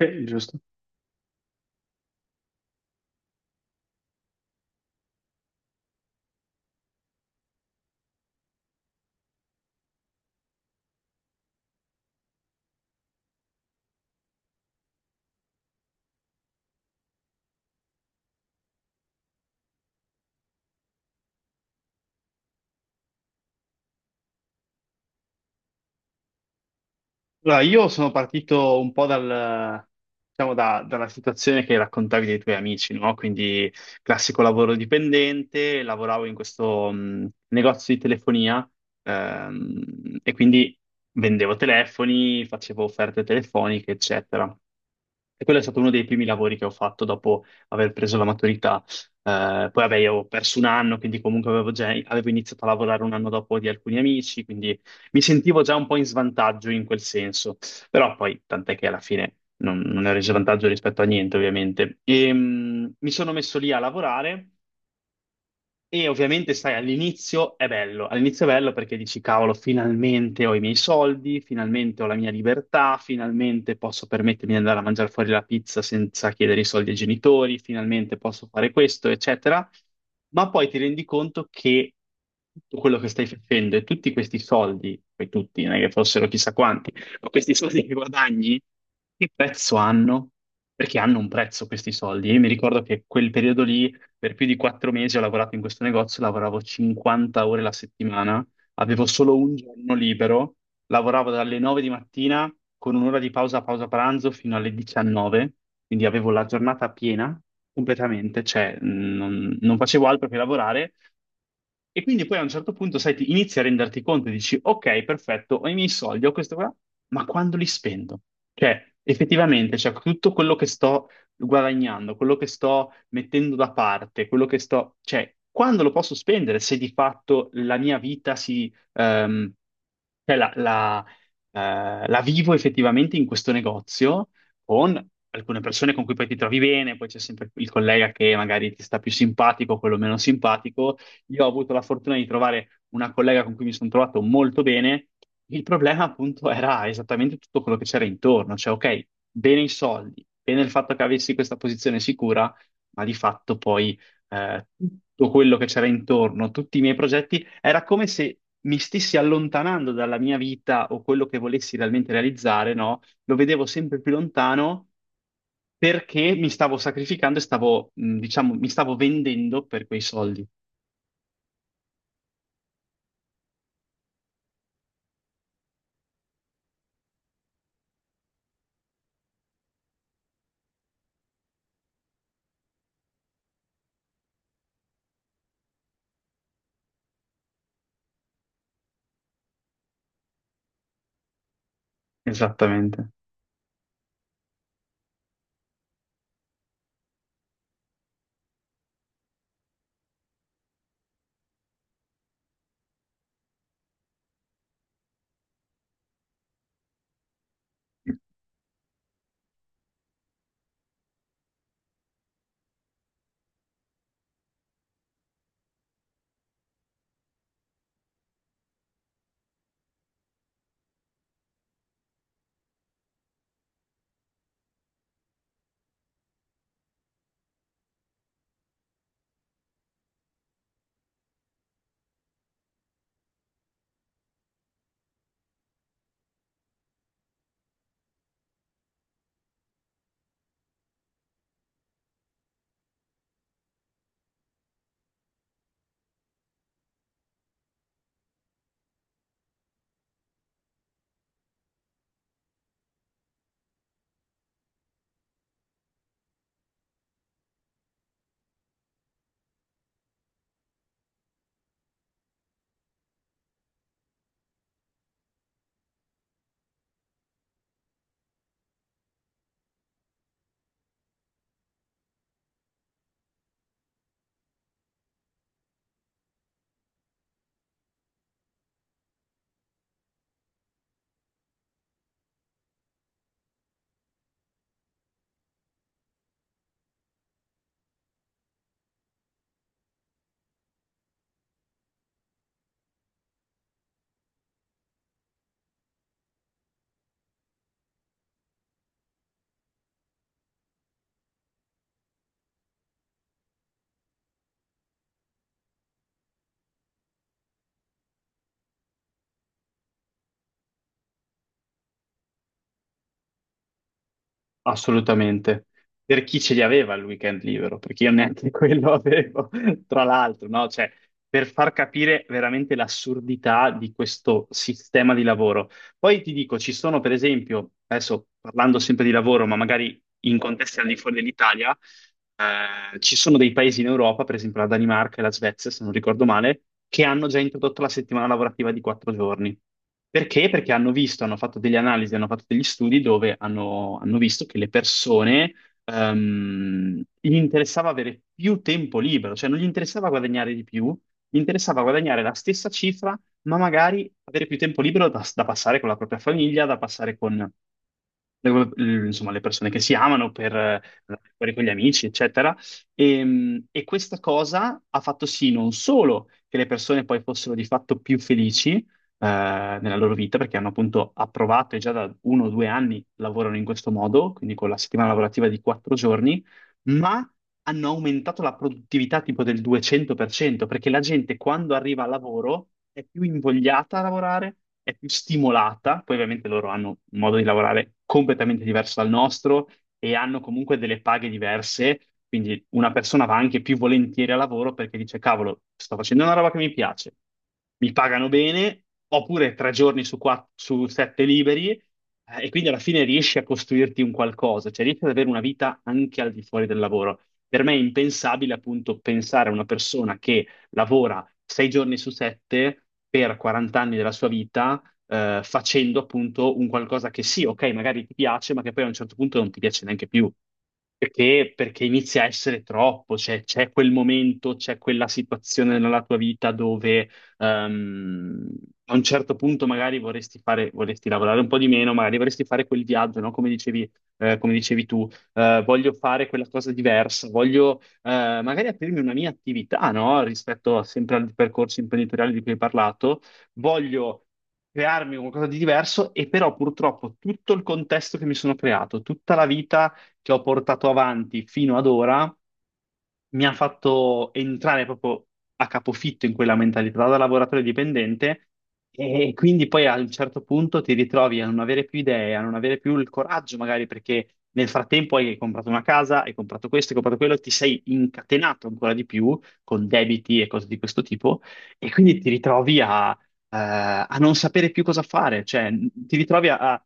Giusto. Allora, io sono partito un po' dal, diciamo, dalla situazione che raccontavi dei tuoi amici, no? Quindi classico lavoro dipendente, lavoravo in questo negozio di telefonia, e quindi vendevo telefoni, facevo offerte telefoniche, eccetera. E quello è stato uno dei primi lavori che ho fatto dopo aver preso la maturità. Poi, vabbè, io ho perso un anno, quindi comunque avevo iniziato a lavorare un anno dopo di alcuni amici, quindi mi sentivo già un po' in svantaggio in quel senso, però poi tant'è che alla fine non ne ho reso vantaggio rispetto a niente, ovviamente. E, mi sono messo lì a lavorare e ovviamente, sai, all'inizio è bello perché dici, cavolo, finalmente ho i miei soldi, finalmente ho la mia libertà, finalmente posso permettermi di andare a mangiare fuori la pizza senza chiedere i soldi ai genitori, finalmente posso fare questo, eccetera. Ma poi ti rendi conto che tutto quello che stai facendo e tutti questi soldi, poi tutti, non è che fossero chissà quanti, ma questi soldi che guadagni, che prezzo hanno? Perché hanno un prezzo questi soldi. Io mi ricordo che quel periodo lì per più di 4 mesi ho lavorato in questo negozio, lavoravo 50 ore la settimana, avevo solo un giorno libero, lavoravo dalle 9 di mattina con un'ora di pausa, pausa pranzo fino alle 19, quindi avevo la giornata piena completamente, cioè non facevo altro che lavorare. E quindi poi a un certo punto, sai, ti inizi a renderti conto e dici, ok, perfetto, ho i miei soldi, ho questo qua, ma quando li spendo? Cioè, effettivamente, cioè, tutto quello che sto guadagnando, quello che sto mettendo da parte, quello che sto, cioè, quando lo posso spendere se di fatto la mia vita si, cioè la vivo effettivamente in questo negozio con alcune persone con cui poi ti trovi bene, poi c'è sempre il collega che magari ti sta più simpatico, quello meno simpatico. Io ho avuto la fortuna di trovare una collega con cui mi sono trovato molto bene. Il problema appunto era esattamente tutto quello che c'era intorno, cioè ok, bene i soldi, bene il fatto che avessi questa posizione sicura, ma di fatto poi tutto quello che c'era intorno, tutti i miei progetti, era come se mi stessi allontanando dalla mia vita o quello che volessi realmente realizzare, no? Lo vedevo sempre più lontano perché mi stavo sacrificando e stavo, diciamo, mi stavo vendendo per quei soldi. Esattamente. Assolutamente. Per chi ce li aveva il weekend libero, perché io neanche quello avevo, tra l'altro, no? Cioè, per far capire veramente l'assurdità di questo sistema di lavoro. Poi ti dico, ci sono per esempio, adesso parlando sempre di lavoro, ma magari in contesti al di fuori dell'Italia, ci sono dei paesi in Europa, per esempio la Danimarca e la Svezia, se non ricordo male, che hanno già introdotto la settimana lavorativa di 4 giorni. Perché? Perché hanno visto, hanno fatto delle analisi, hanno fatto degli studi dove hanno visto che le persone, gli interessava avere più tempo libero, cioè non gli interessava guadagnare di più, gli interessava guadagnare la stessa cifra, ma magari avere più tempo libero da, passare con la propria famiglia, da passare con insomma, le persone che si amano per andare fuori con gli amici, eccetera. E questa cosa ha fatto sì non solo che le persone poi fossero di fatto più felici nella loro vita, perché hanno appunto approvato e già da 1 o 2 anni lavorano in questo modo, quindi con la settimana lavorativa di quattro giorni, ma hanno aumentato la produttività tipo del 200%, perché la gente quando arriva al lavoro è più invogliata a lavorare, è più stimolata, poi ovviamente loro hanno un modo di lavorare completamente diverso dal nostro e hanno comunque delle paghe diverse, quindi una persona va anche più volentieri al lavoro perché dice, cavolo, sto facendo una roba che mi piace, mi pagano bene, oppure tre giorni su, su sette liberi. E quindi alla fine riesci a costruirti un qualcosa, cioè riesci ad avere una vita anche al di fuori del lavoro. Per me è impensabile appunto pensare a una persona che lavora 6 giorni su 7 per 40 anni della sua vita, facendo appunto un qualcosa che sì, ok, magari ti piace, ma che poi a un certo punto non ti piace neanche più. Perché? Perché inizia a essere troppo, cioè c'è quel momento, c'è quella situazione nella tua vita dove ehm, a un certo punto magari vorresti fare, vorresti lavorare un po' di meno, magari vorresti fare quel viaggio, no? Come dicevi tu voglio fare quella cosa diversa, voglio magari aprirmi una mia attività, no? Rispetto sempre al percorso imprenditoriale di cui hai parlato, voglio crearmi qualcosa di diverso e però purtroppo tutto il contesto che mi sono creato, tutta la vita che ho portato avanti fino ad ora mi ha fatto entrare proprio a capofitto in quella mentalità da lavoratore dipendente e quindi poi a un certo punto ti ritrovi a non avere più idee, a non avere più il coraggio magari perché nel frattempo hai comprato una casa, hai comprato questo, hai comprato quello, ti sei incatenato ancora di più con debiti e cose di questo tipo e quindi ti ritrovi a non sapere più cosa fare, cioè ti ritrovi a a-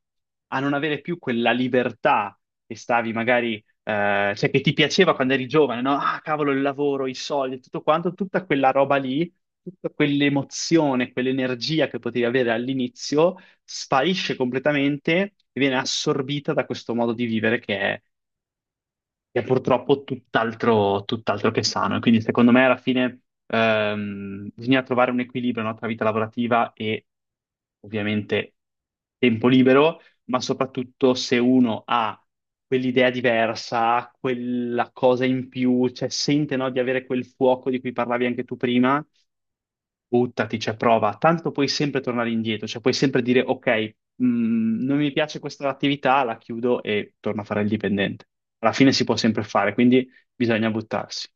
a non avere più quella libertà che stavi magari cioè che ti piaceva quando eri giovane, no? Ah, cavolo, il lavoro, i soldi, tutto quanto, tutta quella roba lì, tutta quell'emozione, quell'energia che potevi avere all'inizio, sparisce completamente e viene assorbita da questo modo di vivere che è purtroppo tutt'altro che sano. E quindi secondo me alla fine bisogna trovare un equilibrio, no, tra vita lavorativa e ovviamente tempo libero, ma soprattutto se uno ha quell'idea diversa, quella cosa in più, cioè sente, no, di avere quel fuoco di cui parlavi anche tu prima, buttati, cioè prova, tanto puoi sempre tornare indietro, cioè puoi sempre dire ok, non mi piace questa attività, la chiudo e torno a fare il dipendente. Alla fine si può sempre fare, quindi bisogna buttarsi.